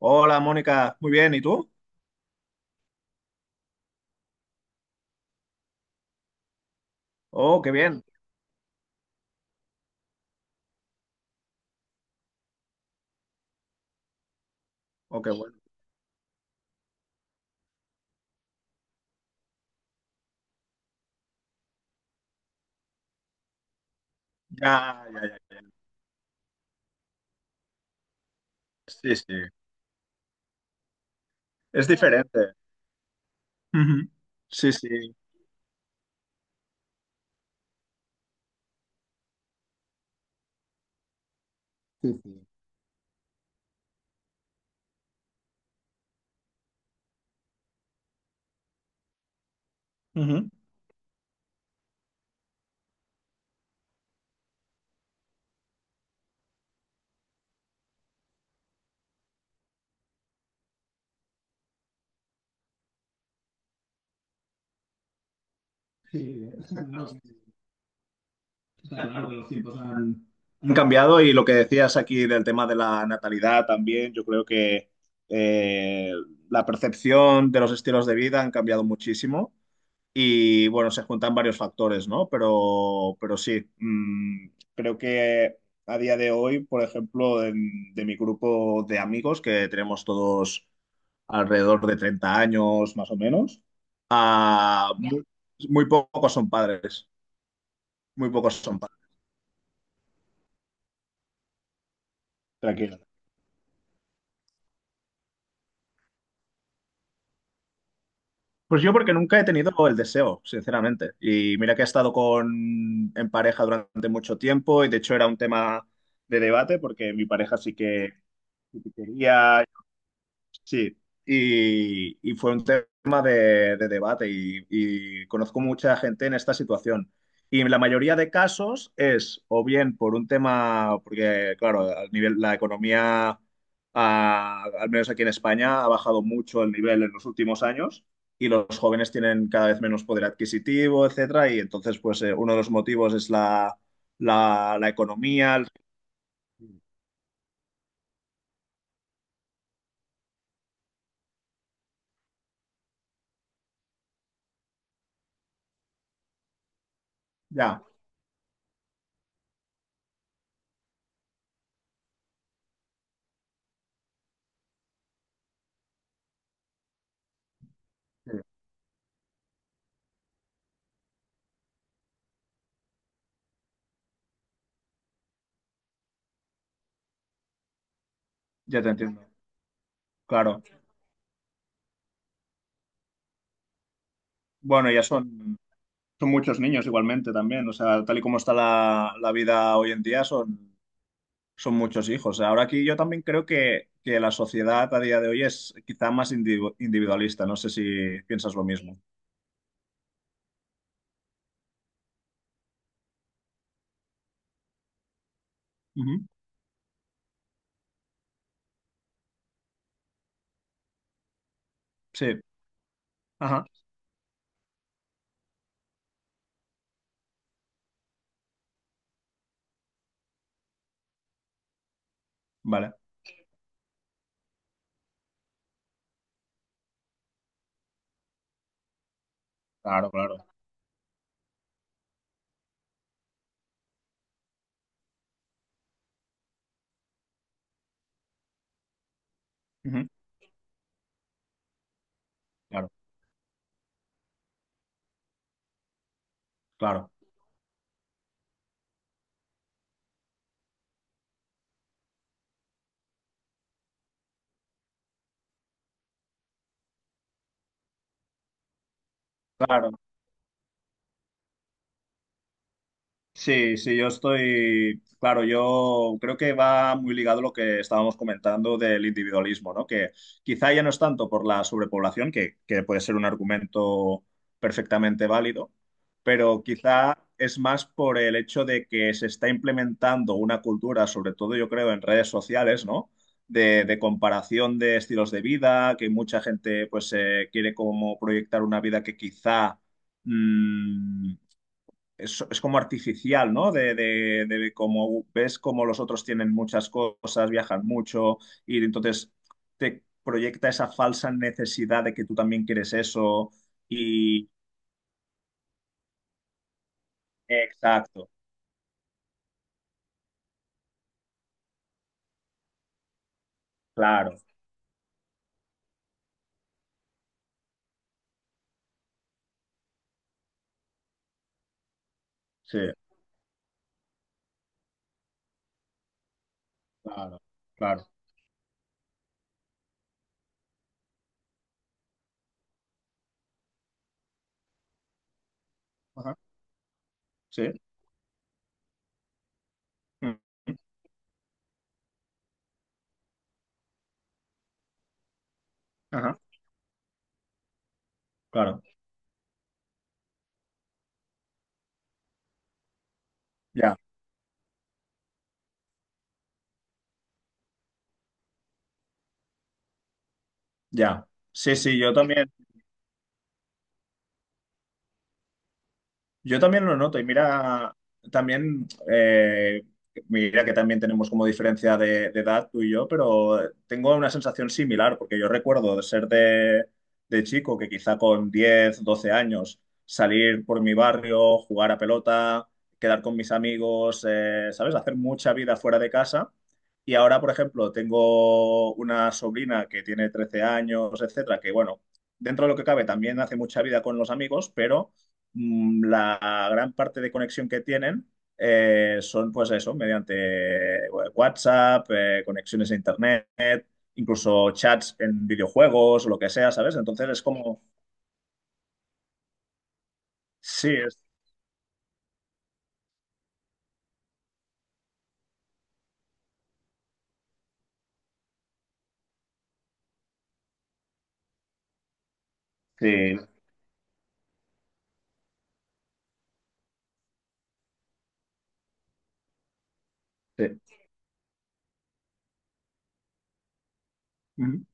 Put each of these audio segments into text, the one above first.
Hola, Mónica. Muy bien. ¿Y tú? Oh, qué bien. Oh, qué bueno. Ya, ya, ya, ya. Sí, sí. Es diferente. Ujú. Sí, sí. Sí, sí. Ujú. Sí, no, está claro que los tiempos han cambiado, y lo que decías aquí del tema de la natalidad también. Yo creo que eh, la percepción de los estilos de vida han cambiado muchísimo. Y bueno, se juntan varios factores, ¿no? Pero sí, creo que a día de hoy, por ejemplo, de mi grupo de amigos, que tenemos todos alrededor de 30 años más o menos, muy, muy pocos son padres, muy pocos son padres. Tranquilo. Pues yo porque nunca he tenido el deseo, sinceramente. Y mira que he estado en pareja durante mucho tiempo, y de hecho era un tema de debate porque mi pareja sí que quería. Sí, y fue un tema de debate, y conozco mucha gente en esta situación. Y la mayoría de casos es o bien por un tema, porque claro, al nivel, la economía, al menos aquí en España, ha bajado mucho el nivel en los últimos años, y los jóvenes tienen cada vez menos poder adquisitivo, etcétera. Y entonces, pues uno de los motivos es la economía. Ya, ya te entiendo. Claro. Bueno, ya son. Son muchos niños igualmente también, o sea, tal y como está la vida hoy en día, son, son muchos hijos. Ahora aquí yo también creo que la sociedad a día de hoy es quizá más individualista. No sé si piensas lo mismo. Ujú, sí, ajá, vale, claro, claro. Ujú, claro, claro, claro. Sí, sí, yo estoy, claro, yo creo que va muy ligado a lo que estábamos comentando del individualismo, ¿no? Que quizá ya no es tanto por la sobrepoblación, que puede ser un argumento perfectamente válido, pero quizá es más por el hecho de que se está implementando una cultura, sobre todo yo creo en redes sociales, ¿no? De comparación de estilos de vida, que mucha gente pues quiere como proyectar una vida que quizá... mm, es como artificial, ¿no? De como ves como los otros tienen muchas cosas, viajan mucho, y entonces te proyecta esa falsa necesidad de que tú también quieres eso y... Exacto, claro, sí, claro, claro. Ajá, sí, mm, ajá, claro, ya, ya. Sí, sí, yo también. Yo también lo noto, y mira, también, mira que también tenemos como diferencia de edad tú y yo, pero tengo una sensación similar, porque yo recuerdo de ser de chico, que quizá con 10 12 años salir por mi barrio, jugar a pelota, quedar con mis amigos, ¿sabes? Hacer mucha vida fuera de casa. Y ahora, por ejemplo, tengo una sobrina que tiene 13 años, etcétera, que bueno, dentro de lo que cabe también hace mucha vida con los amigos, pero la gran parte de conexión que tienen son pues eso, mediante eh, WhatsApp, conexiones a Internet, incluso chats en videojuegos o lo que sea, ¿sabes? Entonces es como, sí, sí, sí. Ujú.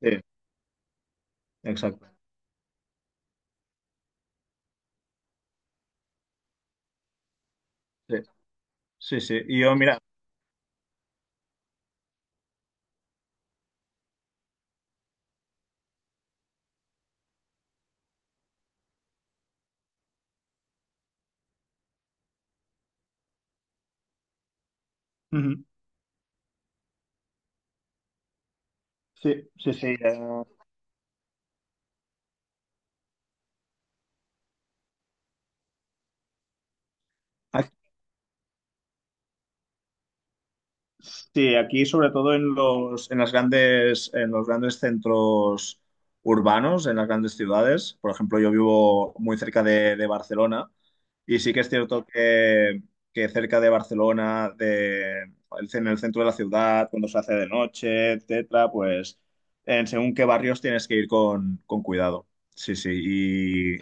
Sí, exacto, sí, sí, sí. Y yo, mira, ujú, sí, sí, sí. eh, Sí, aquí sobre todo en los, en las grandes, en los grandes centros urbanos, en las grandes ciudades. Por ejemplo, yo vivo muy cerca de Barcelona, y sí que es cierto que cerca de Barcelona, en el centro de la ciudad, cuando se hace de noche, etcétera, pues en según qué barrios tienes que ir con cuidado. Sí, sí.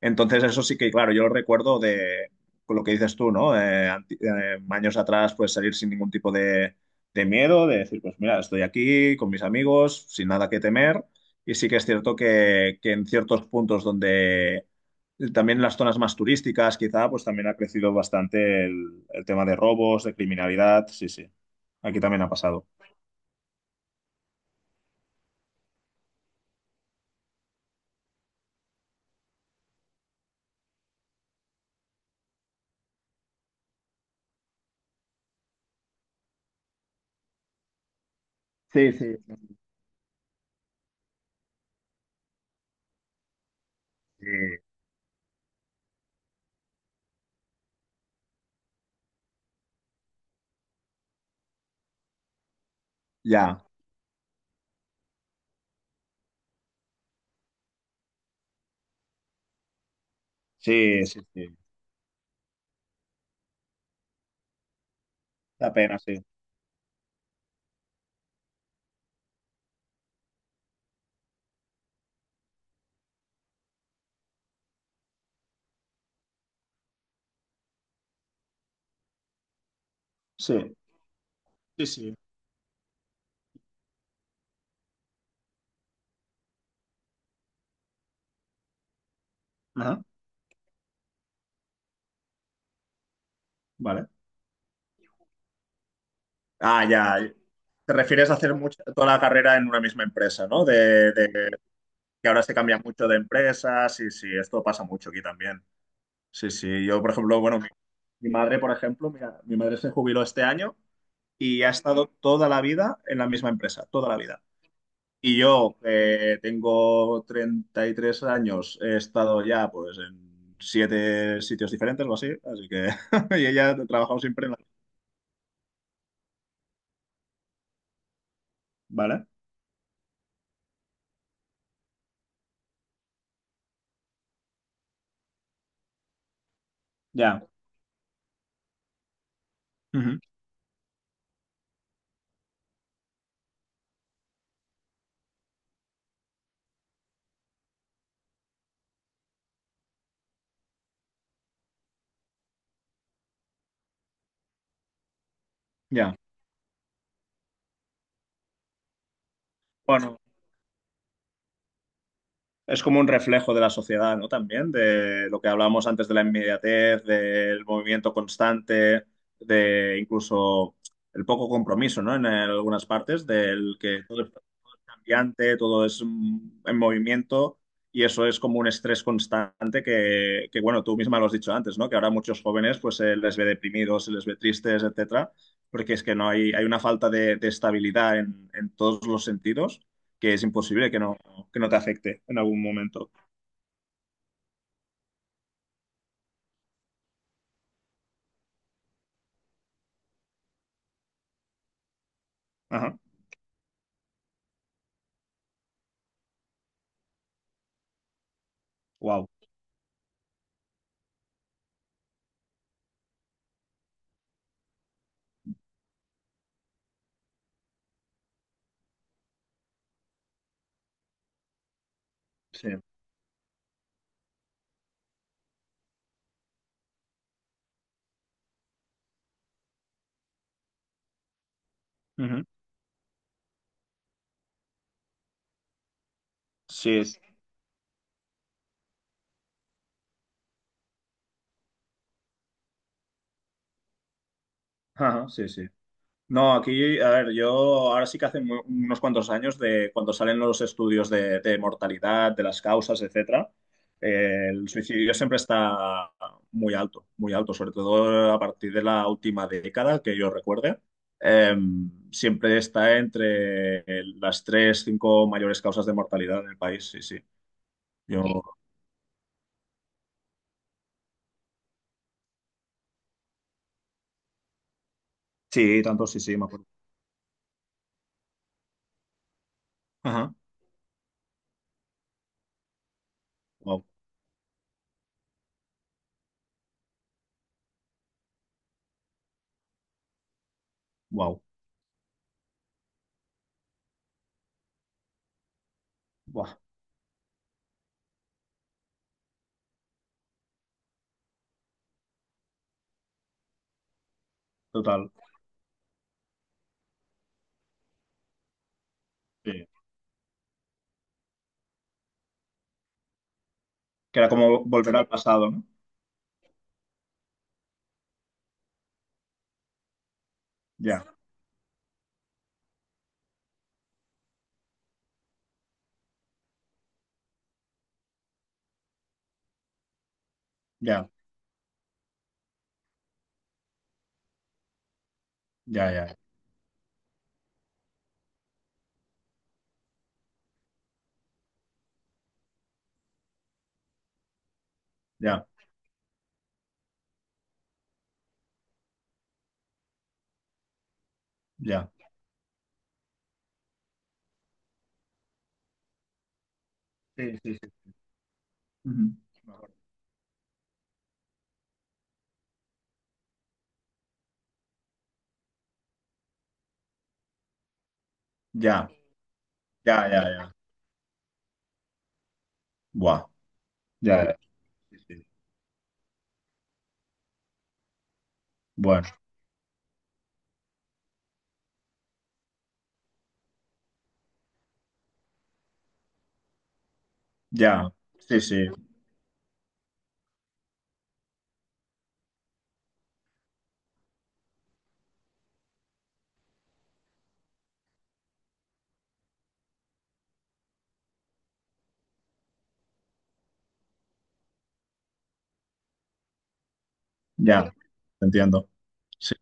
Entonces, eso sí que, claro, yo lo recuerdo de con lo que dices tú, ¿no? Años atrás, pues salir sin ningún tipo de miedo, de decir, pues mira, estoy aquí con mis amigos, sin nada que temer. Y sí que es cierto que en ciertos puntos donde también en las zonas más turísticas, quizá, pues también ha crecido bastante el tema de robos, de criminalidad. Sí, sí. Aquí también ha pasado. Sí, sí. Sí, ya. Sí, sí, sí. Da pena, sí. Sí, sí, sí. Ajá. Vale. Ah, ya. Te refieres a toda la carrera en una misma empresa, ¿no? De que ahora se cambia mucho de empresa. Sí, sí, esto pasa mucho aquí también. Sí, sí. Yo, por ejemplo, bueno, mi madre, por ejemplo, mira, mi madre se jubiló este año, y ha estado toda la vida en la misma empresa, toda la vida. Y yo tengo 33 años, he estado ya pues en siete sitios diferentes o así, así que y ella ha trabajado siempre en la... ¿Vale? Ya. Ujú. Ya. Bueno, es como un reflejo de la sociedad, ¿no? También de lo que hablábamos antes de la inmediatez, del movimiento constante, de incluso el poco compromiso, ¿no? En algunas partes del que todo brillante, todo es en movimiento, y eso es como un estrés constante que, bueno, tú misma lo has dicho antes, ¿no? Que ahora muchos jóvenes pues se les ve deprimidos, se les ve tristes, etcétera, porque es que no hay, hay una falta de estabilidad en todos los sentidos, que es imposible que no te afecte en algún momento. Ajá. Wow. Sí. Ujú. Sí, ajá, sí, sí. No, aquí, a ver, yo ahora sí que hace unos cuantos años de cuando salen los estudios de mortalidad, de las causas, etcétera, el suicidio siempre está muy alto, sobre todo a partir de la última década que yo recuerde. Eh, siempre está entre las tres, cinco mayores causas de mortalidad en el país, sí, sí. Yo, sí, tanto sí, sí, me acuerdo. Ajá. Wow, wow, buah, total, sí. Que era como volver al pasado, ¿no? Ya, ya, ya, ya. Ya, ya. Sí, sí, sí. Ujú. Ya, ya, ya, ya. Buah, ya, ya. Sí, sí. Bueno, ya. Sí, sí, ya. Te entiendo. Sí.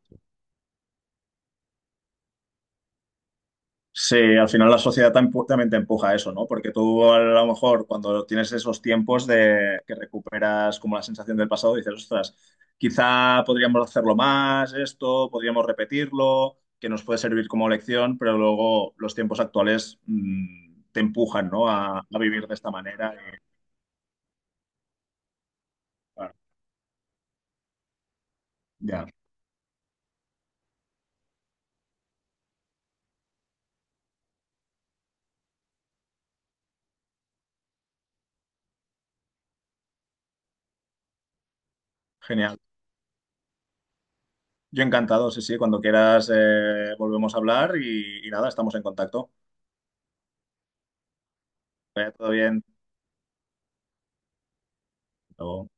Sí, al final la sociedad también te empuja a eso, ¿no? Porque tú a lo mejor cuando tienes esos tiempos de que recuperas como la sensación del pasado, dices, ostras, quizá podríamos hacerlo más, esto, podríamos repetirlo, que nos puede servir como lección, pero luego los tiempos actuales te empujan, ¿no? A vivir de esta manera. Claro, ya, genial. Yo encantado, sí, sí, cuando quieras volvemos a hablar, y nada, estamos en contacto. Que vaya todo bien. Hasta luego.